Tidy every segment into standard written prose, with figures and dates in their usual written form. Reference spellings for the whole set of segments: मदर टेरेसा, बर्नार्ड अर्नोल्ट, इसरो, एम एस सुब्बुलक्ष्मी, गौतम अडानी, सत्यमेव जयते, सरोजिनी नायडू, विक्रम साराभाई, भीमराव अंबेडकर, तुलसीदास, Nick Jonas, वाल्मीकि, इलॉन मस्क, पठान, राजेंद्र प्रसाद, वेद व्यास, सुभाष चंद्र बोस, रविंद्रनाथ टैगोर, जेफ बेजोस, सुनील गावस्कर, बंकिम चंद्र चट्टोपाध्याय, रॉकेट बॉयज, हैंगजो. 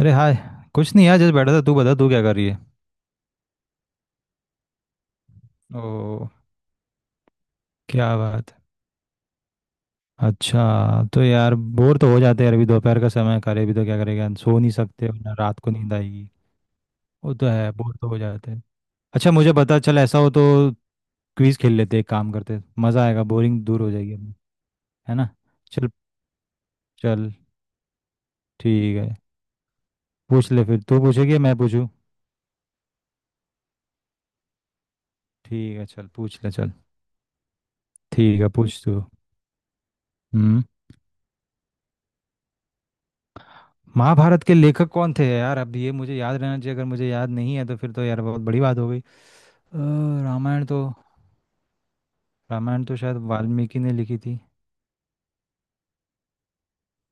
अरे हाय। कुछ नहीं यार, जस्ट बैठा था, तू बता तू क्या कर रही है। ओ, क्या बात है। अच्छा तो यार बोर तो हो जाते हैं यार, अभी दोपहर का समय है, करे भी तो क्या करेगा, सो नहीं सकते और ना रात को नींद आएगी। वो तो है, बोर तो हो जाते हैं। अच्छा मुझे पता चल, ऐसा हो तो क्विज खेल लेते हैं, एक काम करते हैं, मज़ा आएगा, बोरिंग दूर हो जाएगी अपनी, है ना। चल चल, ठीक है पूछ ले, फिर तू पूछेगी या मैं पूछूं। ठीक है चल पूछ ले चल। ठीक है पूछ तू। हम्म। महाभारत के लेखक कौन थे यार, अब ये मुझे याद रहना चाहिए, अगर मुझे याद नहीं है तो फिर तो यार बहुत बड़ी बात हो गई। रामायण तो रामायण तो शायद वाल्मीकि ने लिखी थी।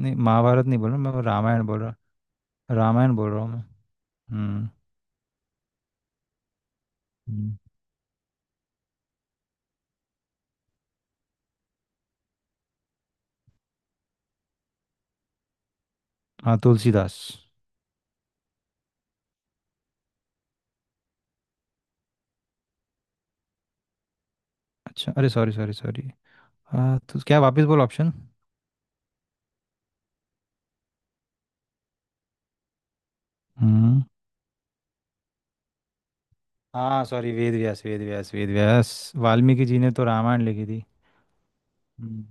नहीं, महाभारत नहीं बोल रहा मैं, रामायण बोल रहा। रामायण बोल रहा हूँ मैं। हम्म। हम्म। हाँ तुलसीदास। अच्छा, अरे सॉरी सॉरी सॉरी। हाँ तो क्या, वापस बोल ऑप्शन। हम्म। हाँ सॉरी, वेद व्यास वेद व्यास वेद व्यास। वाल्मीकि जी ने तो रामायण लिखी थी। हम्म।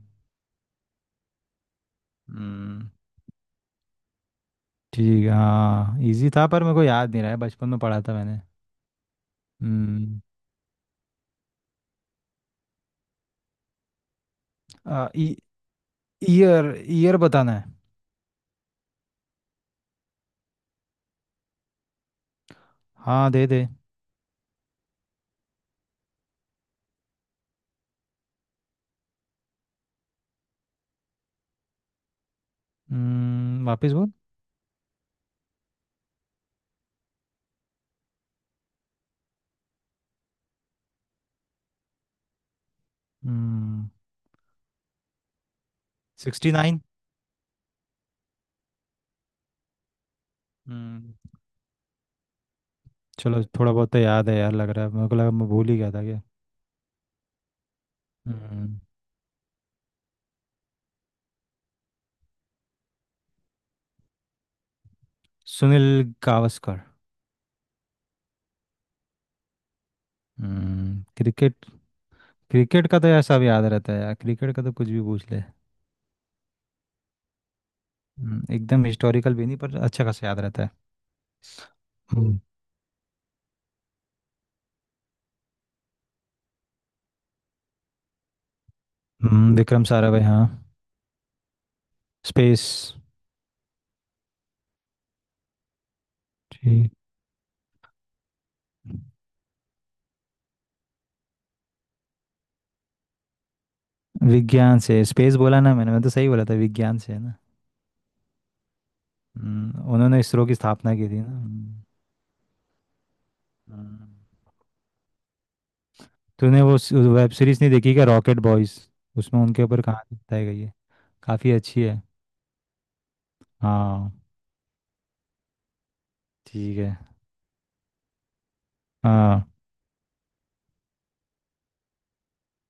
हम्म। ठीक है, हाँ इजी था पर मेरे को याद नहीं रहा है, बचपन में पढ़ा था मैंने। हम्म। आ, ई- ईयर ईयर बताना है। हाँ दे दे। हम्म, वापस बोल। हम्म। Sixty nine. हम्म। चलो थोड़ा बहुत तो याद है यार, लग रहा है, मेरे को लगा मैं भूल ही गया था क्या। हम्म। सुनील गावस्कर। हम्म, क्रिकेट। क्रिकेट का तो यार सब याद रहता है यार, क्रिकेट का तो कुछ भी पूछ ले। एकदम हिस्टोरिकल भी नहीं पर अच्छा खासा याद रहता है। हम्म। विक्रम साराभाई, हाँ। स्पेस। ठीक। विज्ञान से, स्पेस बोला ना मैंने, मैं तो सही बोला था, विज्ञान से, है ना। उन्होंने इसरो की स्थापना की थी ना। हम्म। हम्म। तूने वो वेब सीरीज नहीं देखी क्या, रॉकेट बॉयज। उसमें उनके ऊपर कहानी बताई गई है, काफ़ी अच्छी है। हाँ। ठीक है। हाँ।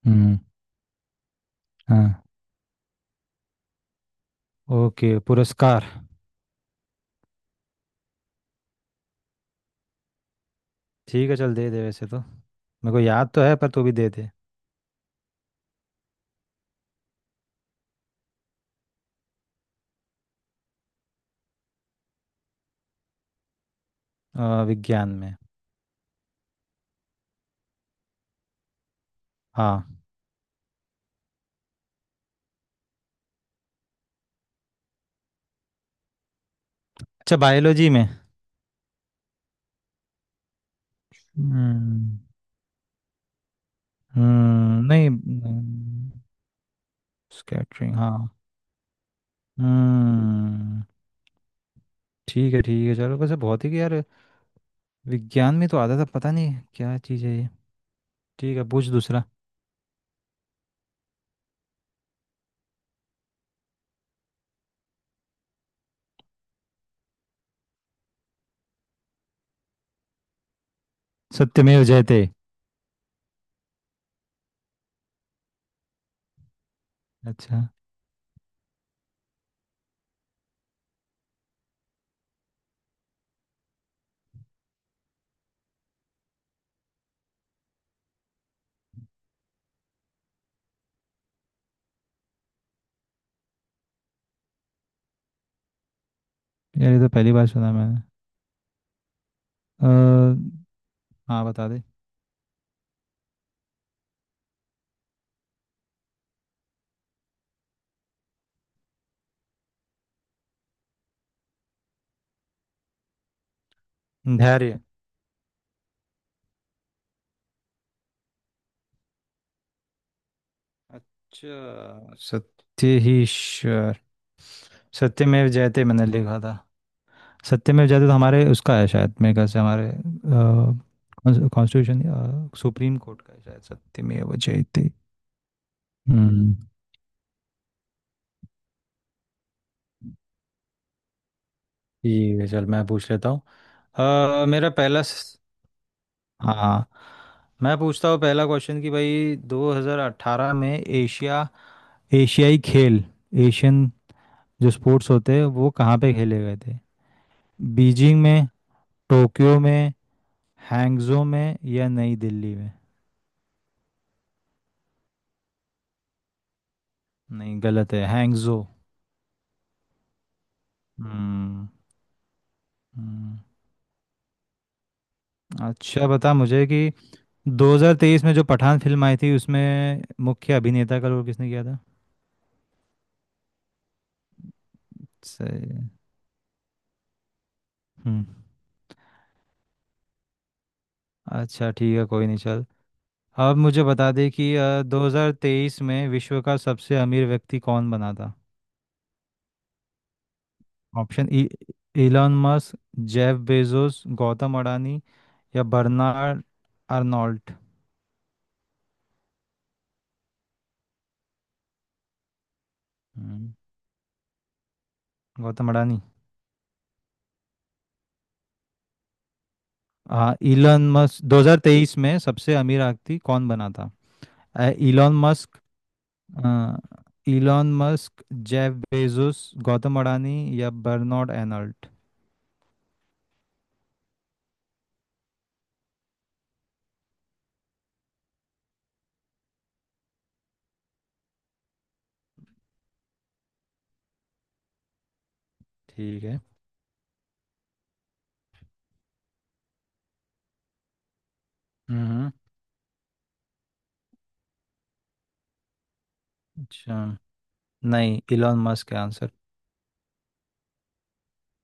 हम्म। हाँ। ओके, पुरस्कार। ठीक है चल दे दे, वैसे तो मेरे को याद तो है पर तू भी दे दे। विज्ञान में। हाँ। अच्छा बायोलॉजी में। हम्म। नहीं। स्कैटरिंग, हाँ। हम्म। ठीक है ठीक है, चलो वैसे बहुत ही यार, विज्ञान में तो आता था, पता नहीं क्या चीज़ है ये। ठीक है पूछ दूसरा। सत्यमेव जयते। अच्छा। यार ये तो पहली बार सुना मैंने। अ, हाँ बता दे। धैर्य। अच्छा, सत्य ही ईश्वर। सत्यमेव जयते मैंने लिखा था। सत्यमेव जयते तो हमारे उसका है शायद, मेरे ख्याल से हमारे कॉन्स्टिट्यूशन सुप्रीम कोर्ट का है शायद सत्यमेव जयते। हम्म। ठीक है चल मैं पूछ लेता हूँ। अ, मेरा पहला स- हाँ मैं पूछता हूँ पहला क्वेश्चन कि भाई 2018 में एशिया एशियाई खेल एशियन, जो स्पोर्ट्स होते हैं वो कहाँ पे खेले गए थे। बीजिंग में, टोक्यो में, हैंगजो में या नई दिल्ली में। नहीं गलत है, हैंगजो। हम्म। हम्म। अच्छा बता मुझे कि 2023 में जो पठान फिल्म आई थी उसमें मुख्य अभिनेता का रोल किसने किया था। सही है। हम्म। अच्छा ठीक है, कोई नहीं चल। आप मुझे बता दें कि 2023 में विश्व का सबसे अमीर व्यक्ति कौन बना था। Option E, Elon Musk, जेफ बेजोस, गौतम अडानी या बर्नार्ड अर्नोल्ट। हम्म, गौतम अडानी। हाँ, इलॉन मस्क 2023 में सबसे अमीर व्यक्ति कौन बना था। इलॉन मस्क इलॉन मस्क, जेफ बेजोस, गौतम अडानी या बर्नार्ड अर्नोल्ट। ठीक है। हम्म। अच्छा। नहीं, इलॉन मस्क है आंसर।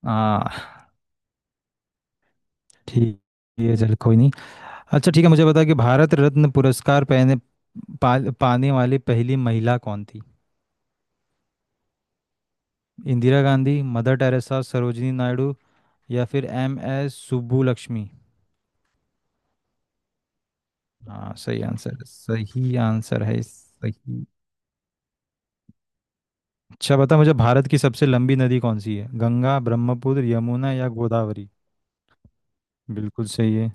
हाँ। ठीक है चल, कोई नहीं। अच्छा ठीक है मुझे बता कि भारत रत्न पुरस्कार पाने वाली पहली महिला कौन थी। इंदिरा गांधी, मदर टेरेसा, सरोजिनी नायडू या फिर एम एस सुब्बुलक्ष्मी। हाँ सही आंसर, सही आंसर है, सही। अच्छा बता मुझे, भारत की सबसे लंबी नदी कौन सी है, गंगा, ब्रह्मपुत्र, यमुना या गोदावरी। बिल्कुल सही है।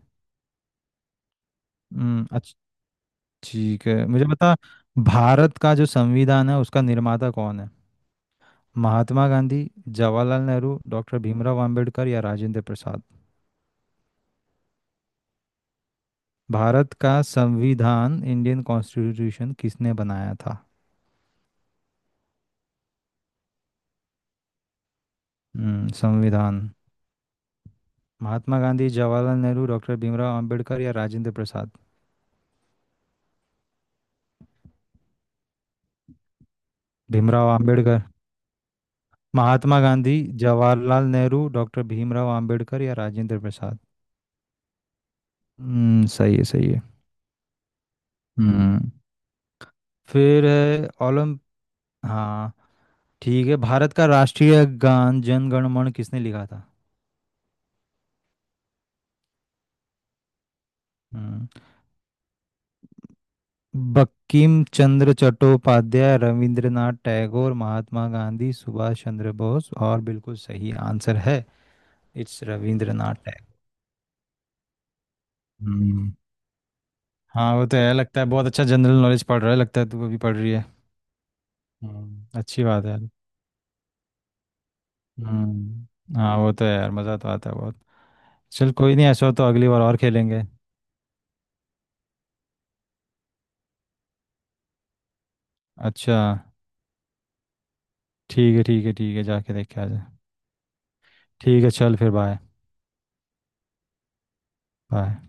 हम्म, अच्छा ठीक है, मुझे बता भारत का जो संविधान है उसका निर्माता कौन है। महात्मा गांधी, जवाहरलाल नेहरू, डॉक्टर भीमराव अंबेडकर या राजेंद्र प्रसाद। भारत का संविधान, इंडियन कॉन्स्टिट्यूशन किसने बनाया था। संविधान। महात्मा गांधी, जवाहरलाल नेहरू, डॉक्टर भीमराव अंबेडकर या राजेंद्र प्रसाद। भीमराव अंबेडकर। महात्मा गांधी, जवाहरलाल नेहरू, डॉक्टर भीमराव अंबेडकर या राजेंद्र प्रसाद। सही है सही है। हम्म, फिर है ओलम। हाँ। ठीक है, भारत का राष्ट्रीय गान जन गण मन किसने लिखा था। हम्म। बंकिम चंद्र चट्टोपाध्याय, रविंद्रनाथ टैगोर, महात्मा गांधी, सुभाष चंद्र बोस, और बिल्कुल सही आंसर है। इट्स रविंद्रनाथ टैगोर। हम्म। हाँ वो तो है, लगता है बहुत अच्छा जनरल नॉलेज पढ़ रहा है, लगता है तू अभी पढ़ रही है। हम्म, अच्छी बात है यार। हम्म, हाँ वो तो है यार, मज़ा तो आता है बहुत। चल कोई नहीं, ऐसा हो तो अगली बार और खेलेंगे। अच्छा ठीक है ठीक है ठीक है, जाके देख के आ जा। ठीक है चल फिर बाय। बाय।